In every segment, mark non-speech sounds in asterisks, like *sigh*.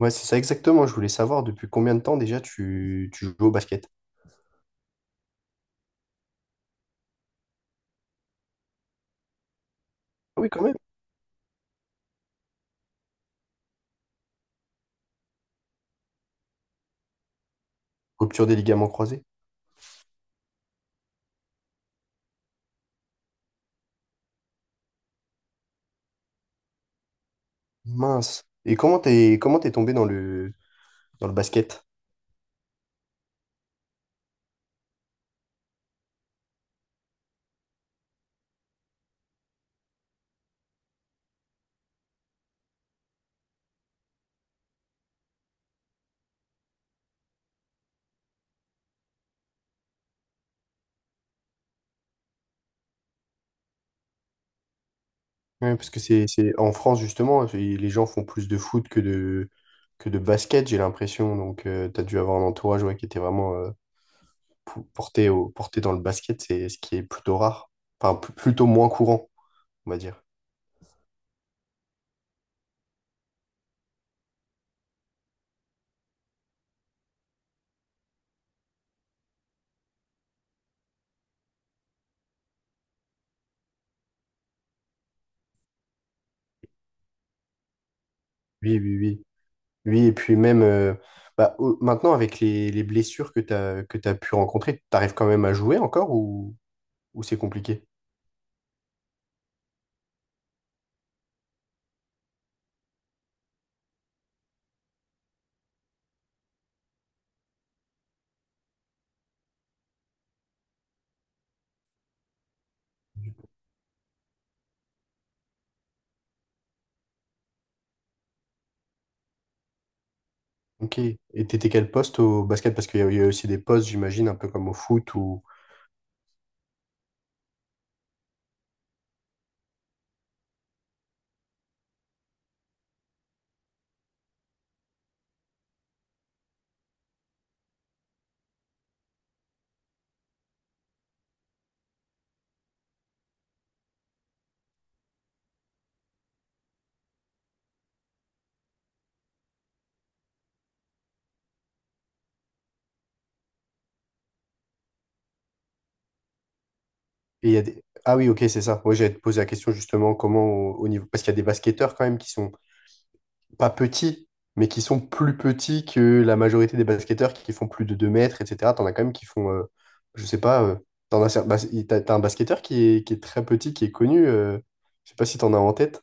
Ouais, c'est ça exactement. Je voulais savoir depuis combien de temps déjà tu joues au basket. Ah oui, quand même. Rupture des ligaments croisés. Mince. Et comment t'es tombé dans le basket? Ouais, parce que c'est en France justement, les gens font plus de foot que de basket, j'ai l'impression. Donc tu t'as dû avoir un entourage, ouais, qui était vraiment, porté au porté dans le basket, c'est ce qui est plutôt rare. Enfin, plutôt moins courant, on va dire. Oui, oui, oui. Oui, et puis même, bah, maintenant, avec les blessures que tu as pu rencontrer, tu arrives quand même à jouer encore, ou c'est compliqué? Ok. Et t'étais quel poste au basket? Parce qu'il y a aussi des postes, j'imagine, un peu comme au foot ou. Et il y a des... Ah oui, ok, c'est ça. Moi, j'allais te poser la question justement comment au, au niveau. Parce qu'il y a des basketteurs quand même qui sont pas petits, mais qui sont plus petits que la majorité des basketteurs qui font plus de 2 mètres, etc. T'en as quand même qui font, je sais pas, t'en as, cer- bas- t'as un basketteur qui est très petit, qui est connu, je sais pas si t'en as en tête.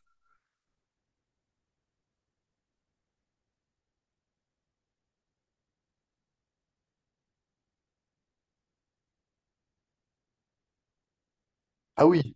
Ah oui,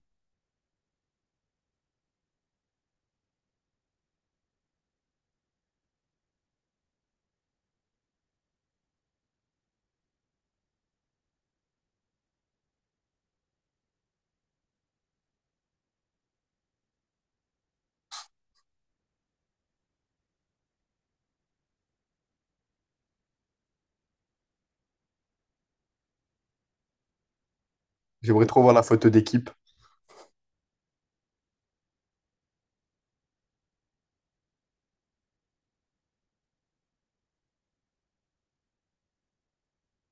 j'aimerais trop voir la photo d'équipe.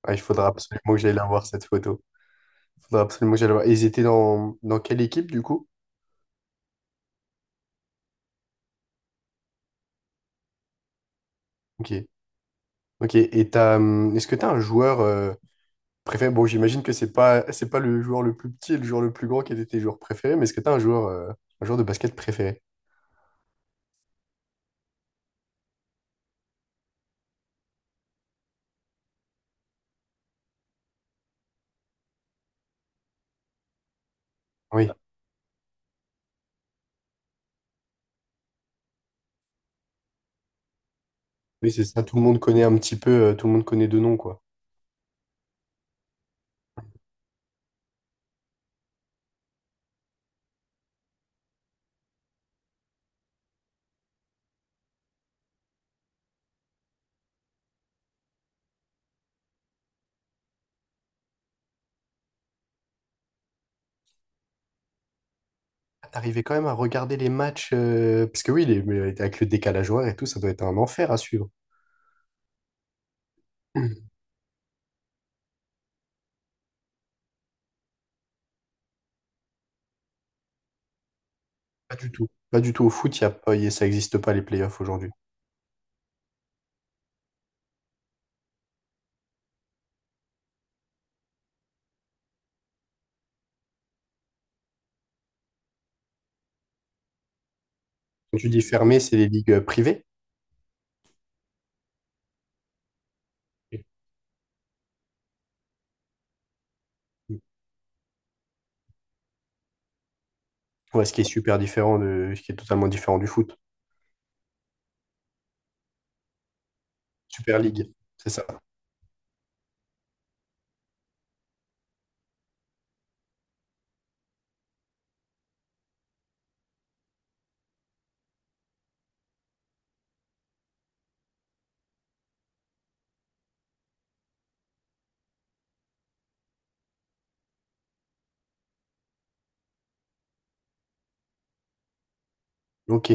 Ah, il faudra absolument que j'aille la voir, cette photo. Il faudra absolument que j'aille la voir. Et ils étaient dans, dans quelle équipe, du coup? Ok. Ok. Et t'as, est-ce que t'as un joueur, préféré? Bon, j'imagine que c'est pas le joueur le plus petit et le joueur le plus grand qui était tes joueurs préférés, mais est-ce que t'as un joueur de basket préféré? Oui, oui, c'est ça. Tout le monde connaît un petit peu, tout le monde connaît de nom, quoi. Ah, t'arrivais quand même à regarder les matchs, parce que oui, les, mais avec le décalage horaire et tout, ça doit être un enfer à suivre. *clears throat* Hmm. Pas du tout. Pas du tout. Au foot, y a pas, ça n'existe pas, les playoffs aujourd'hui. Quand tu dis fermé, c'est les ligues, privées. Hmm. Ouais, ce qui est super ce qui est totalement différent du foot. Super League, c'est ça. Ok,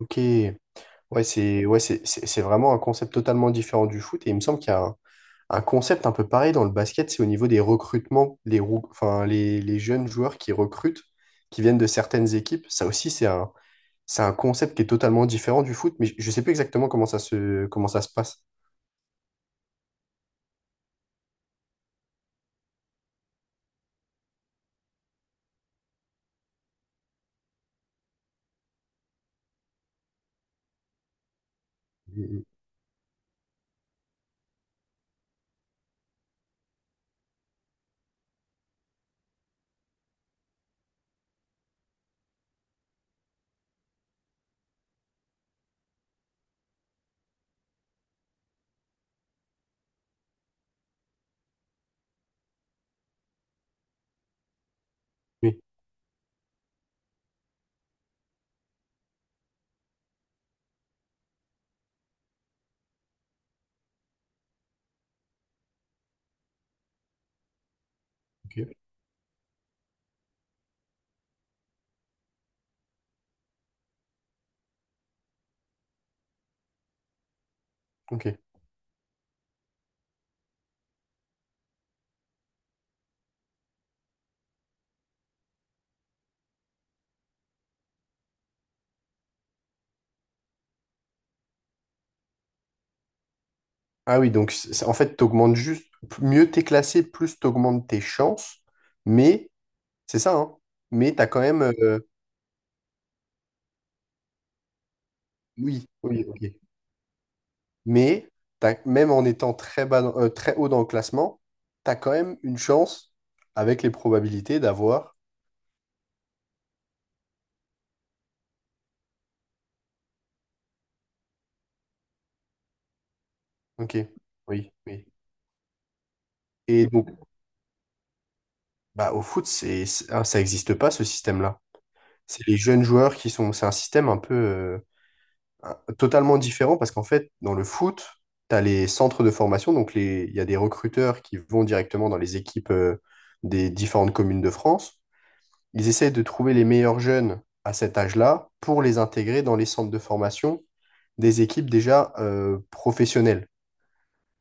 ok. Ouais, c'est vraiment un concept totalement différent du foot. Et il me semble qu'il y a un concept un peu pareil dans le basket, c'est au niveau des recrutements, enfin, les jeunes joueurs qui recrutent, qui viennent de certaines équipes. Ça aussi, c'est un concept qui est totalement différent du foot, mais je ne sais plus exactement comment ça se passe. Mm. Oui, ok. Ok. Ah oui, donc en fait, tu juste, mieux t'es classé, plus tu tes chances, mais c'est ça, hein, mais t'as quand même... oui, oui, ok. Mais même en étant très haut dans le classement, tu as quand même une chance avec les probabilités d'avoir. Ok, oui, oui. Et donc, bah, au foot, ah, ça n'existe pas, ce système-là. C'est les jeunes joueurs qui sont. C'est un système un peu, totalement différent parce qu'en fait, dans le foot, tu as les centres de formation. Donc, les, il y a des recruteurs qui vont directement dans les équipes, des différentes communes de France. Ils essaient de trouver les meilleurs jeunes à cet âge-là pour les intégrer dans les centres de formation des équipes déjà, professionnelles.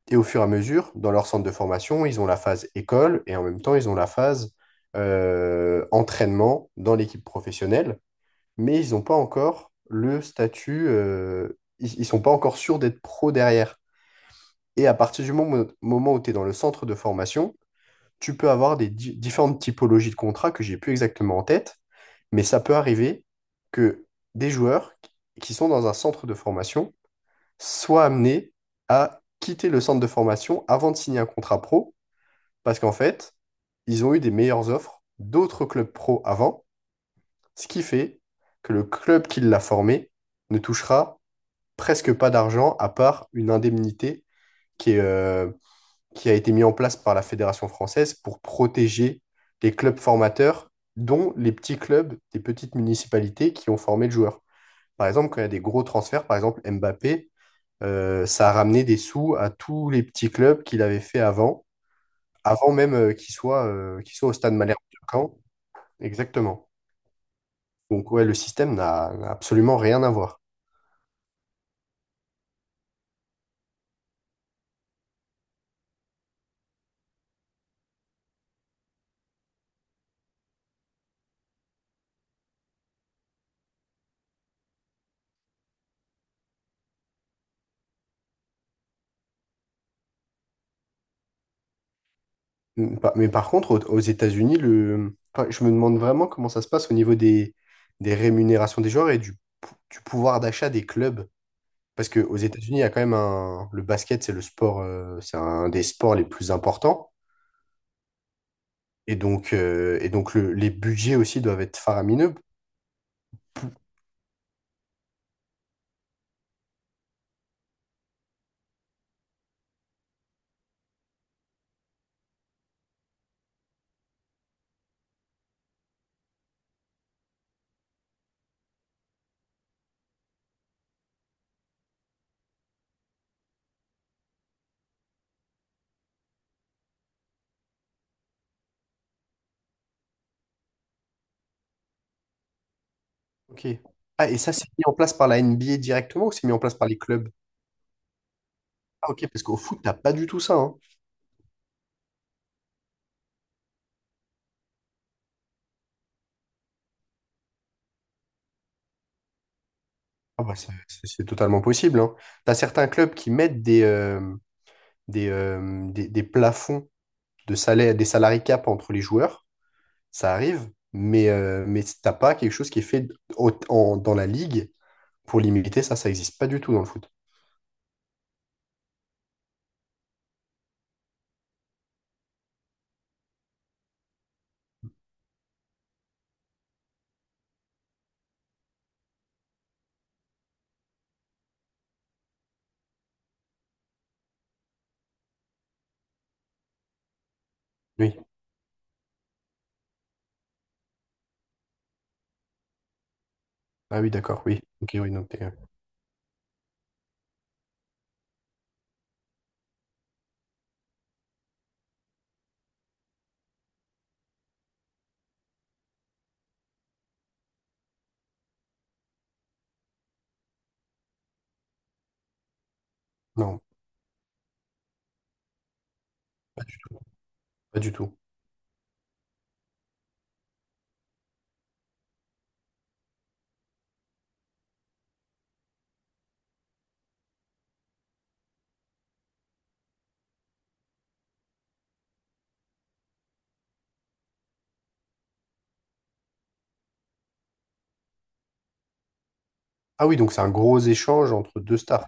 Et au fur et à mesure, dans leur centre de formation, ils ont la phase école et en même temps, ils ont la phase, entraînement dans l'équipe professionnelle, mais ils n'ont pas encore le statut, ils ne sont pas encore sûrs d'être pro derrière. Et à partir du moment où tu es dans le centre de formation, tu peux avoir des différentes typologies de contrats que j'ai plus exactement en tête, mais ça peut arriver que des joueurs qui sont dans un centre de formation soient amenés à quitter le centre de formation avant de signer un contrat pro, parce qu'en fait, ils ont eu des meilleures offres d'autres clubs pro avant, ce qui fait que le club qui l'a formé ne touchera presque pas d'argent, à part une indemnité qui est, qui a été mis en place par la Fédération française pour protéger les clubs formateurs, dont les petits clubs des petites municipalités qui ont formé le joueur. Par exemple, quand il y a des gros transferts, par exemple Mbappé, ça a ramené des sous à tous les petits clubs qu'il avait fait avant, avant même, qu'il soit au stade Malherbe de Caen. Exactement. Donc ouais, le système n'a absolument rien à voir. Mm. Mais par contre, aux États-Unis, le... enfin, je me demande vraiment comment ça se passe au niveau des rémunérations des joueurs et du, du pouvoir d'achat des clubs. Parce qu'aux États-Unis, il y a quand même un... Le basket, c'est le sport, c'est un des sports les plus importants. Et donc les budgets aussi doivent être faramineux. Ok. Ah, et ça, c'est mis en place par la NBA directement ou c'est mis en place par les clubs? Ah, ok, parce qu'au foot, t'as pas du tout ça, hein. Ah, bah, c'est totalement possible, hein. T'as certains clubs qui mettent des, des plafonds de salaire, des salary cap entre les joueurs, ça arrive, mais t'as pas quelque chose qui est fait dans la ligue pour limiter ça, ça existe pas du tout dans le foot. Oui. Ah oui, d'accord, oui. Ok, oui, non, pas du tout. Pas du tout. Ah oui, donc c'est un gros échange entre deux stars.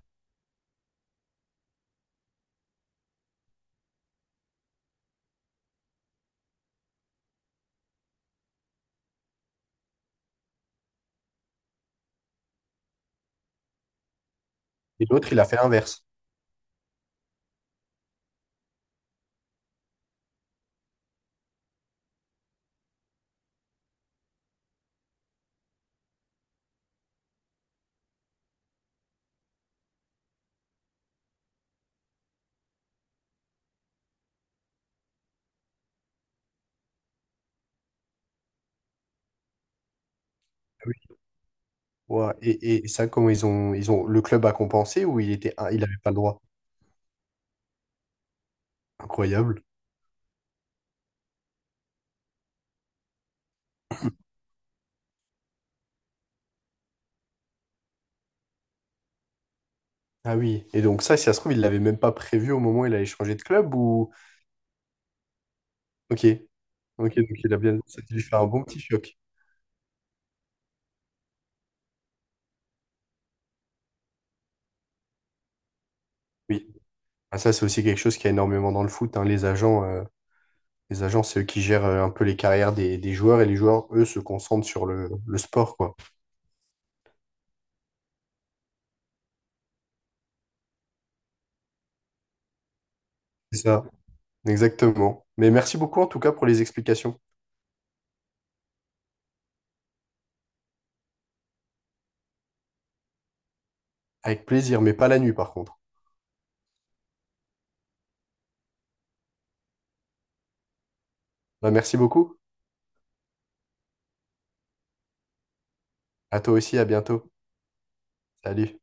Et l'autre, il a fait inverse. Ah oui. Ouah, et, et ça, comment ils ont, le club a compensé ou il était, il avait pas le droit? Incroyable. Ah oui. Et donc ça, si ça se trouve, il l'avait même pas prévu au moment où il allait changer de club ou. Ok, ok, donc il a bien, ça a dû faire un bon petit choc. Oui. Ah, ça c'est aussi quelque chose qu'il y a énormément dans le foot, hein. Les agents, c'est eux qui gèrent, un peu les carrières des joueurs, et les joueurs, eux, se concentrent sur le sport, quoi. C'est ça, exactement. Mais merci beaucoup en tout cas pour les explications. Avec plaisir, mais pas la nuit par contre. Bah, merci beaucoup. À toi aussi, à bientôt. Salut.